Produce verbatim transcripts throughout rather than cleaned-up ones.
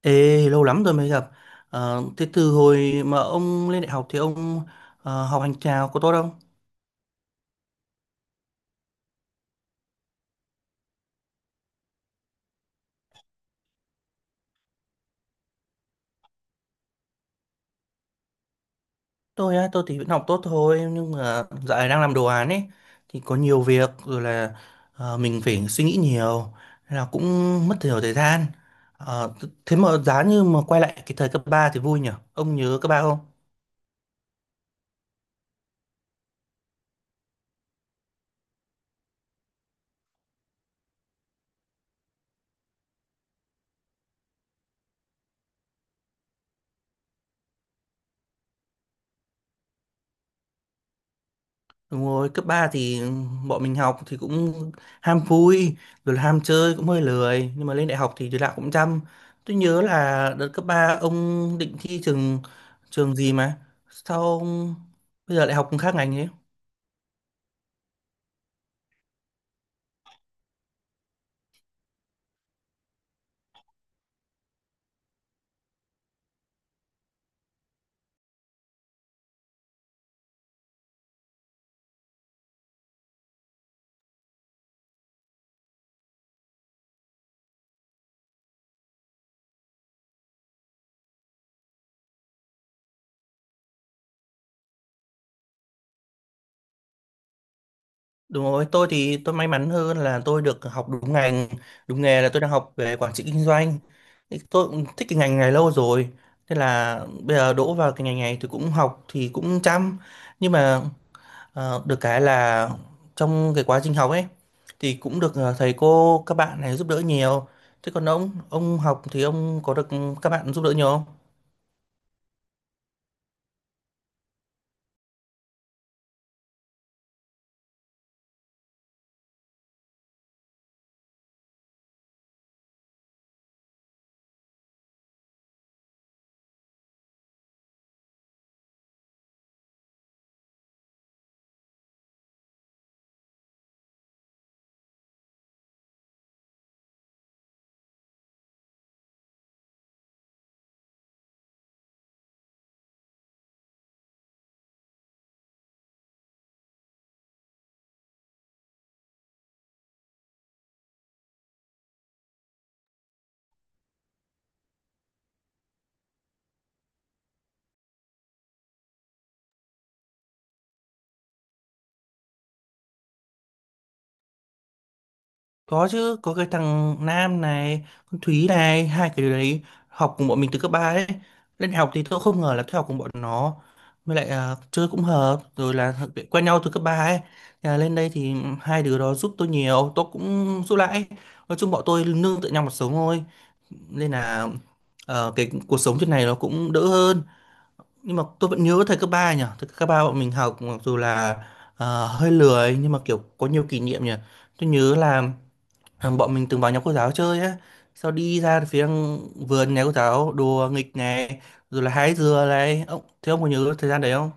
Ê, lâu lắm rồi mới gặp. Ờ, thế từ hồi mà ông lên đại học thì ông ờ, học hành chào có tốt không? Tôi á, tôi thì vẫn học tốt thôi, nhưng mà dạo này đang làm đồ án ấy thì có nhiều việc rồi, là ờ, mình phải suy nghĩ nhiều nên là cũng mất nhiều thời gian. Ờ, thế mà giá như mà quay lại cái thời cấp ba thì vui nhỉ? Ông nhớ cấp ba không? Đúng rồi, cấp ba thì bọn mình học thì cũng ham vui, rồi ham chơi cũng hơi lười, nhưng mà lên đại học thì đứa nào cũng chăm. Tôi nhớ là đợt cấp ba ông định thi trường trường gì mà sao ông bây giờ lại học khác ngành thế? Đúng rồi, tôi thì tôi may mắn hơn là tôi được học đúng ngành, đúng nghề, là tôi đang học về quản trị kinh doanh. Thì tôi cũng thích cái ngành này lâu rồi, thế là bây giờ đỗ vào cái ngành này thì cũng học thì cũng chăm, nhưng mà Ờ, được cái là trong cái quá trình học ấy thì cũng được ờ, thầy cô các bạn này giúp đỡ nhiều. Thế còn ông, ông học thì ông có được các bạn giúp đỡ nhiều không? Có chứ, có cái thằng Nam này, con Thúy này, hai cái đứa đấy học cùng bọn mình từ cấp ba ấy. Lên đại học thì tôi không ngờ là tôi học cùng bọn nó. Với lại ờ, chơi cũng hợp, rồi là quen nhau từ cấp ba ấy. Thế là lên đây thì hai đứa đó giúp tôi nhiều, tôi cũng giúp lại ấy. Nói chung bọn tôi nương tựa nhau một sống thôi, nên là ờ, cái cuộc sống trên này nó cũng đỡ hơn. Nhưng mà tôi vẫn nhớ thầy cấp ba nhỉ, thầy cấp ba bọn mình học mặc dù là ờ, hơi lười nhưng mà kiểu có nhiều kỷ niệm nhỉ. Tôi nhớ là ờ, bọn mình từng vào nhà cô giáo chơi á, sau đi ra phía vườn nhà cô giáo đùa nghịch này, rồi là hái dừa này. Ông, thế ông có nhớ thời gian đấy không?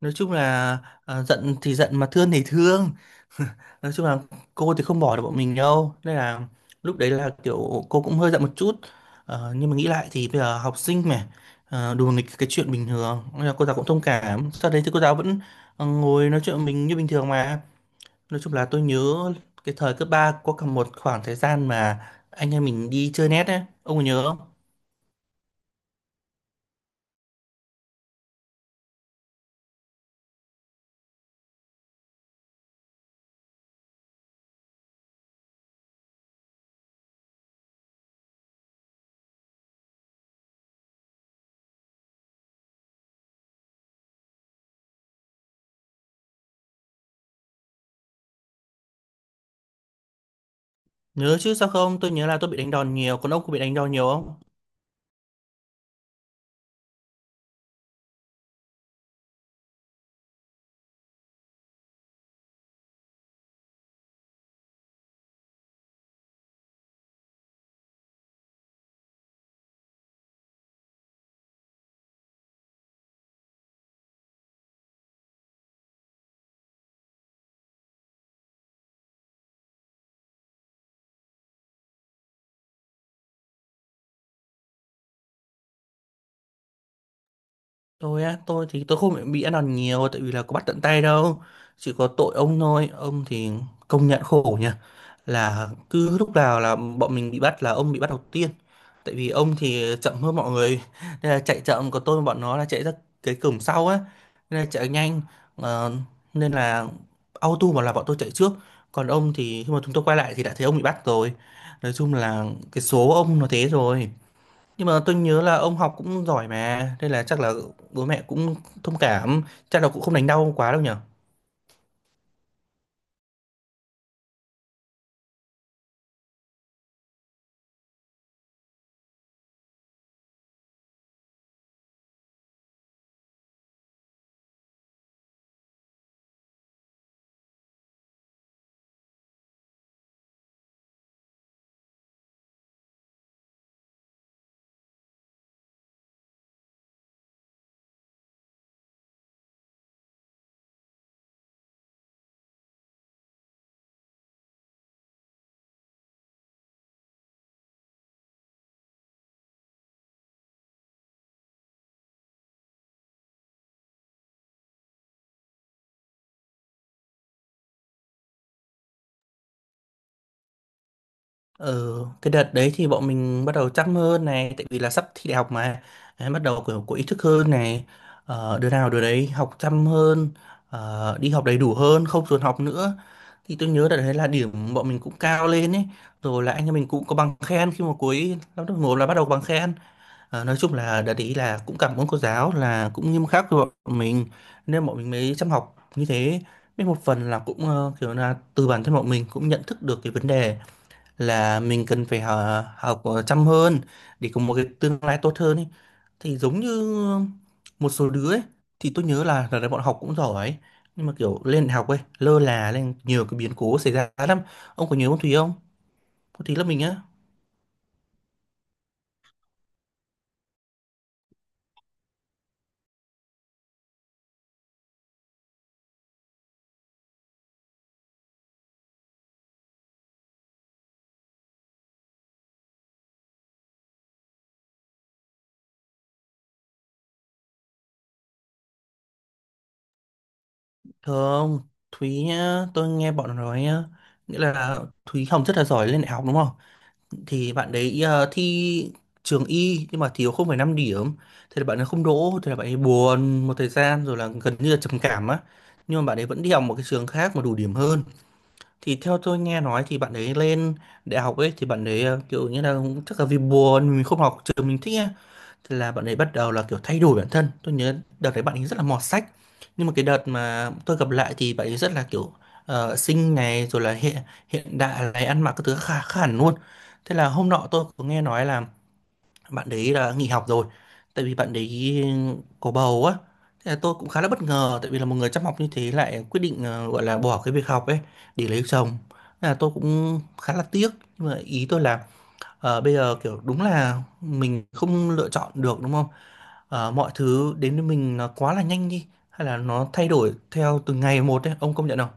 Nói chung là à, giận thì giận mà thương thì thương, nói chung là cô thì không bỏ được bọn mình đâu, nên là lúc đấy là kiểu cô cũng hơi giận một chút. Ờ, nhưng mà nghĩ lại thì bây giờ học sinh mà ờ, đùa nghịch cái chuyện bình thường, nên là cô giáo cũng thông cảm. Sau đấy thì cô giáo vẫn ờ, ngồi nói chuyện với mình như bình thường mà. Nói chung là tôi nhớ cái thời cấp ba có cả một khoảng thời gian mà anh em mình đi chơi net ấy. Ông có nhớ không? Nhớ chứ sao không, tôi nhớ là tôi bị đánh đòn nhiều. Còn ông có bị đánh đòn nhiều không? Tôi á, tôi thì tôi không bị ăn đòn nhiều tại vì là có bắt tận tay đâu. Chỉ có tội ông thôi, ông thì công nhận khổ nhỉ. Là cứ lúc nào là bọn mình bị bắt là ông bị bắt đầu tiên. Tại vì ông thì chậm hơn mọi người. Nên là chạy chậm, còn tôi và bọn nó là chạy ra cái cổng sau á. Nên là chạy nhanh. Ờ, nên là auto mà là bọn tôi chạy trước. Còn ông thì khi mà chúng tôi quay lại thì đã thấy ông bị bắt rồi. Nói chung là cái số ông nó thế rồi. Nhưng mà tôi nhớ là ông học cũng giỏi mà, nên là chắc là bố mẹ cũng thông cảm, chắc là cũng không đánh đau quá đâu nhở. Ờ, cái đợt đấy thì bọn mình bắt đầu chăm hơn này, tại vì là sắp thi đại học mà, đấy, bắt đầu kiểu có ý thức hơn này, ờ, đứa nào đứa đấy học chăm hơn, ờ, đi học đầy đủ hơn, không dồn học nữa. Thì tôi nhớ đợt đấy là điểm bọn mình cũng cao lên ấy, rồi là anh em mình cũng có bằng khen khi mà cuối năm lớp một là bắt đầu bằng khen. Ờ, nói chung là đợt ý là cũng cảm ơn cô giáo là cũng nghiêm khắc với bọn mình nên bọn mình mới chăm học như thế, với một phần là cũng ờ, kiểu là từ bản thân bọn mình cũng nhận thức được cái vấn đề là mình cần phải hờ- học ờ, chăm hơn để có một cái tương lai tốt hơn ấy. Thì giống như một số đứa ấy, thì tôi nhớ là là bọn học cũng giỏi ấy. Nhưng mà kiểu lên đại học ấy lơ là, lên nhiều cái biến cố xảy ra lắm. Ông có nhớ ông Thúy không? Ông Thúy là mình á. Thường Thúy nhá, tôi nghe bọn nó nói nhá, nghĩa là Thúy Hồng rất là giỏi lên đại học đúng không? Thì bạn đấy ờ, thi trường y nhưng mà thiếu không phẩy năm điểm, thế là bạn ấy không đỗ, thế là bạn ấy buồn một thời gian rồi là gần như là trầm cảm á. Nhưng mà bạn ấy vẫn đi học một cái trường khác mà đủ điểm hơn. Thì theo tôi nghe nói thì bạn ấy lên đại học ấy thì bạn ấy ờ, kiểu như là chắc là vì buồn mình không học trường mình thích ấy. Thế là bạn ấy bắt đầu là kiểu thay đổi bản thân. Tôi nhớ đợt đấy bạn ấy rất là mọt sách, nhưng mà cái đợt mà tôi gặp lại thì bạn ấy rất là kiểu ờ, xinh này, rồi là hiện hiện đại này, ăn mặc các thứ khá khá hẳn luôn. Thế là hôm nọ tôi có nghe nói là bạn đấy là nghỉ học rồi tại vì bạn đấy có bầu á. Thế là tôi cũng khá là bất ngờ tại vì là một người chăm học như thế lại quyết định ờ, gọi là bỏ cái việc học ấy để lấy chồng. Thế là tôi cũng khá là tiếc, nhưng mà ý tôi là ờ, bây giờ kiểu đúng là mình không lựa chọn được đúng không, ờ, mọi thứ đến với mình nó quá là nhanh đi, hay là nó thay đổi theo từng ngày một ấy, ông công nhận không?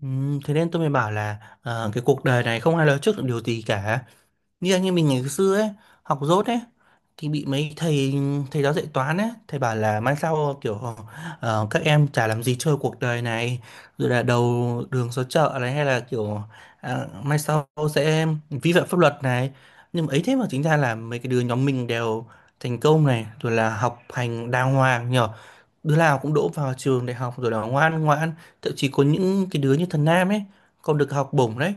Ừm, thế nên tôi mới bảo là ờ, cái cuộc đời này không ai nói trước được điều gì cả. Như anh em mình ngày xưa ấy, học dốt ấy, thì bị mấy thầy thầy giáo dạy toán ấy, thầy bảo là mai sau kiểu ờ, các em chả làm gì chơi cuộc đời này, rồi là đầu đường xó chợ này, hay là kiểu à, mai sau sẽ vi phạm pháp luật này. Nhưng mà ấy thế mà chính ra là mấy cái đứa nhóm mình đều thành công này, rồi là học hành đàng hoàng nhở, đứa nào cũng đỗ vào trường đại học rồi là ngoan ngoãn, thậm chí có những cái đứa như thần Nam ấy còn được học bổng đấy,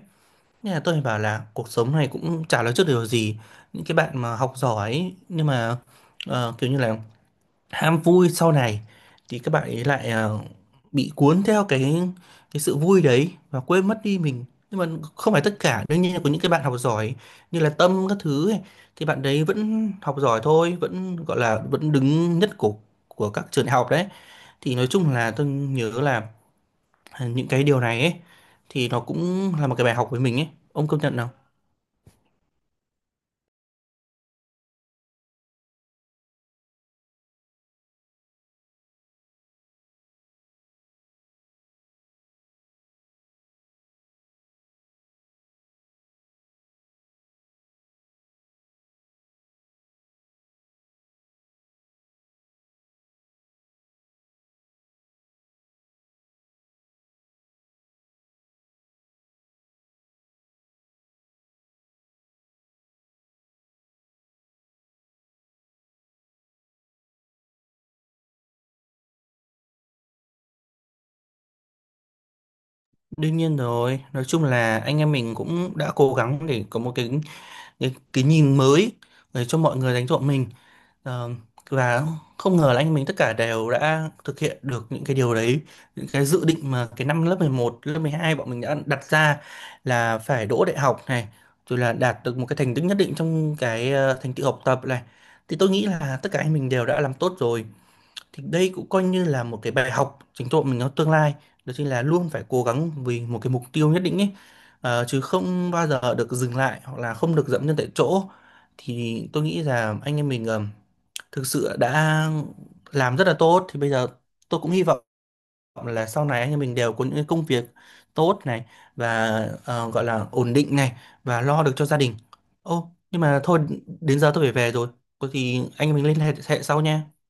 nên là tôi phải bảo là cuộc sống này cũng chả nói trước điều gì. Những cái bạn mà học giỏi ấy, nhưng mà ờ, kiểu như là ham vui sau này thì các bạn ấy lại ờ, bị cuốn theo cái cái sự vui đấy và quên mất đi mình. Nhưng mà không phải tất cả, đương nhiên là có những cái bạn học giỏi như là Tâm các thứ ấy, thì bạn đấy vẫn học giỏi thôi, vẫn gọi là vẫn đứng nhất của của các trường đại học đấy. Thì nói chung là tôi nhớ là ờ, những cái điều này ấy thì nó cũng là một cái bài học với mình ấy. Ông công nhận không? Đương nhiên rồi, nói chung là anh em mình cũng đã cố gắng để có một cái cái, cái nhìn mới để cho mọi người đánh giá mình. Ờ, và không ngờ là anh em mình tất cả đều đã thực hiện được những cái điều đấy, những cái dự định mà cái năm lớp mười một, lớp mười hai bọn mình đã đặt ra là phải đỗ đại học này, rồi là đạt được một cái thành tích nhất định trong cái ờ, thành tựu học tập này. Thì tôi nghĩ là tất cả anh mình đều đã làm tốt rồi. Thì đây cũng coi như là một cái bài học chính tộ mình trong tương lai, đó chính là luôn phải cố gắng vì một cái mục tiêu nhất định ấy. Ờ, chứ không bao giờ được dừng lại hoặc là không được dậm chân tại chỗ. Thì tôi nghĩ là anh em mình ờ, thực sự đã làm rất là tốt. Thì bây giờ tôi cũng hy vọng là sau này anh em mình đều có những cái công việc tốt này, và ờ, gọi là ổn định này, và lo được cho gia đình. Ô, nhưng mà thôi, đến giờ tôi phải về rồi, có gì anh em mình liên hệ hệ sau nha.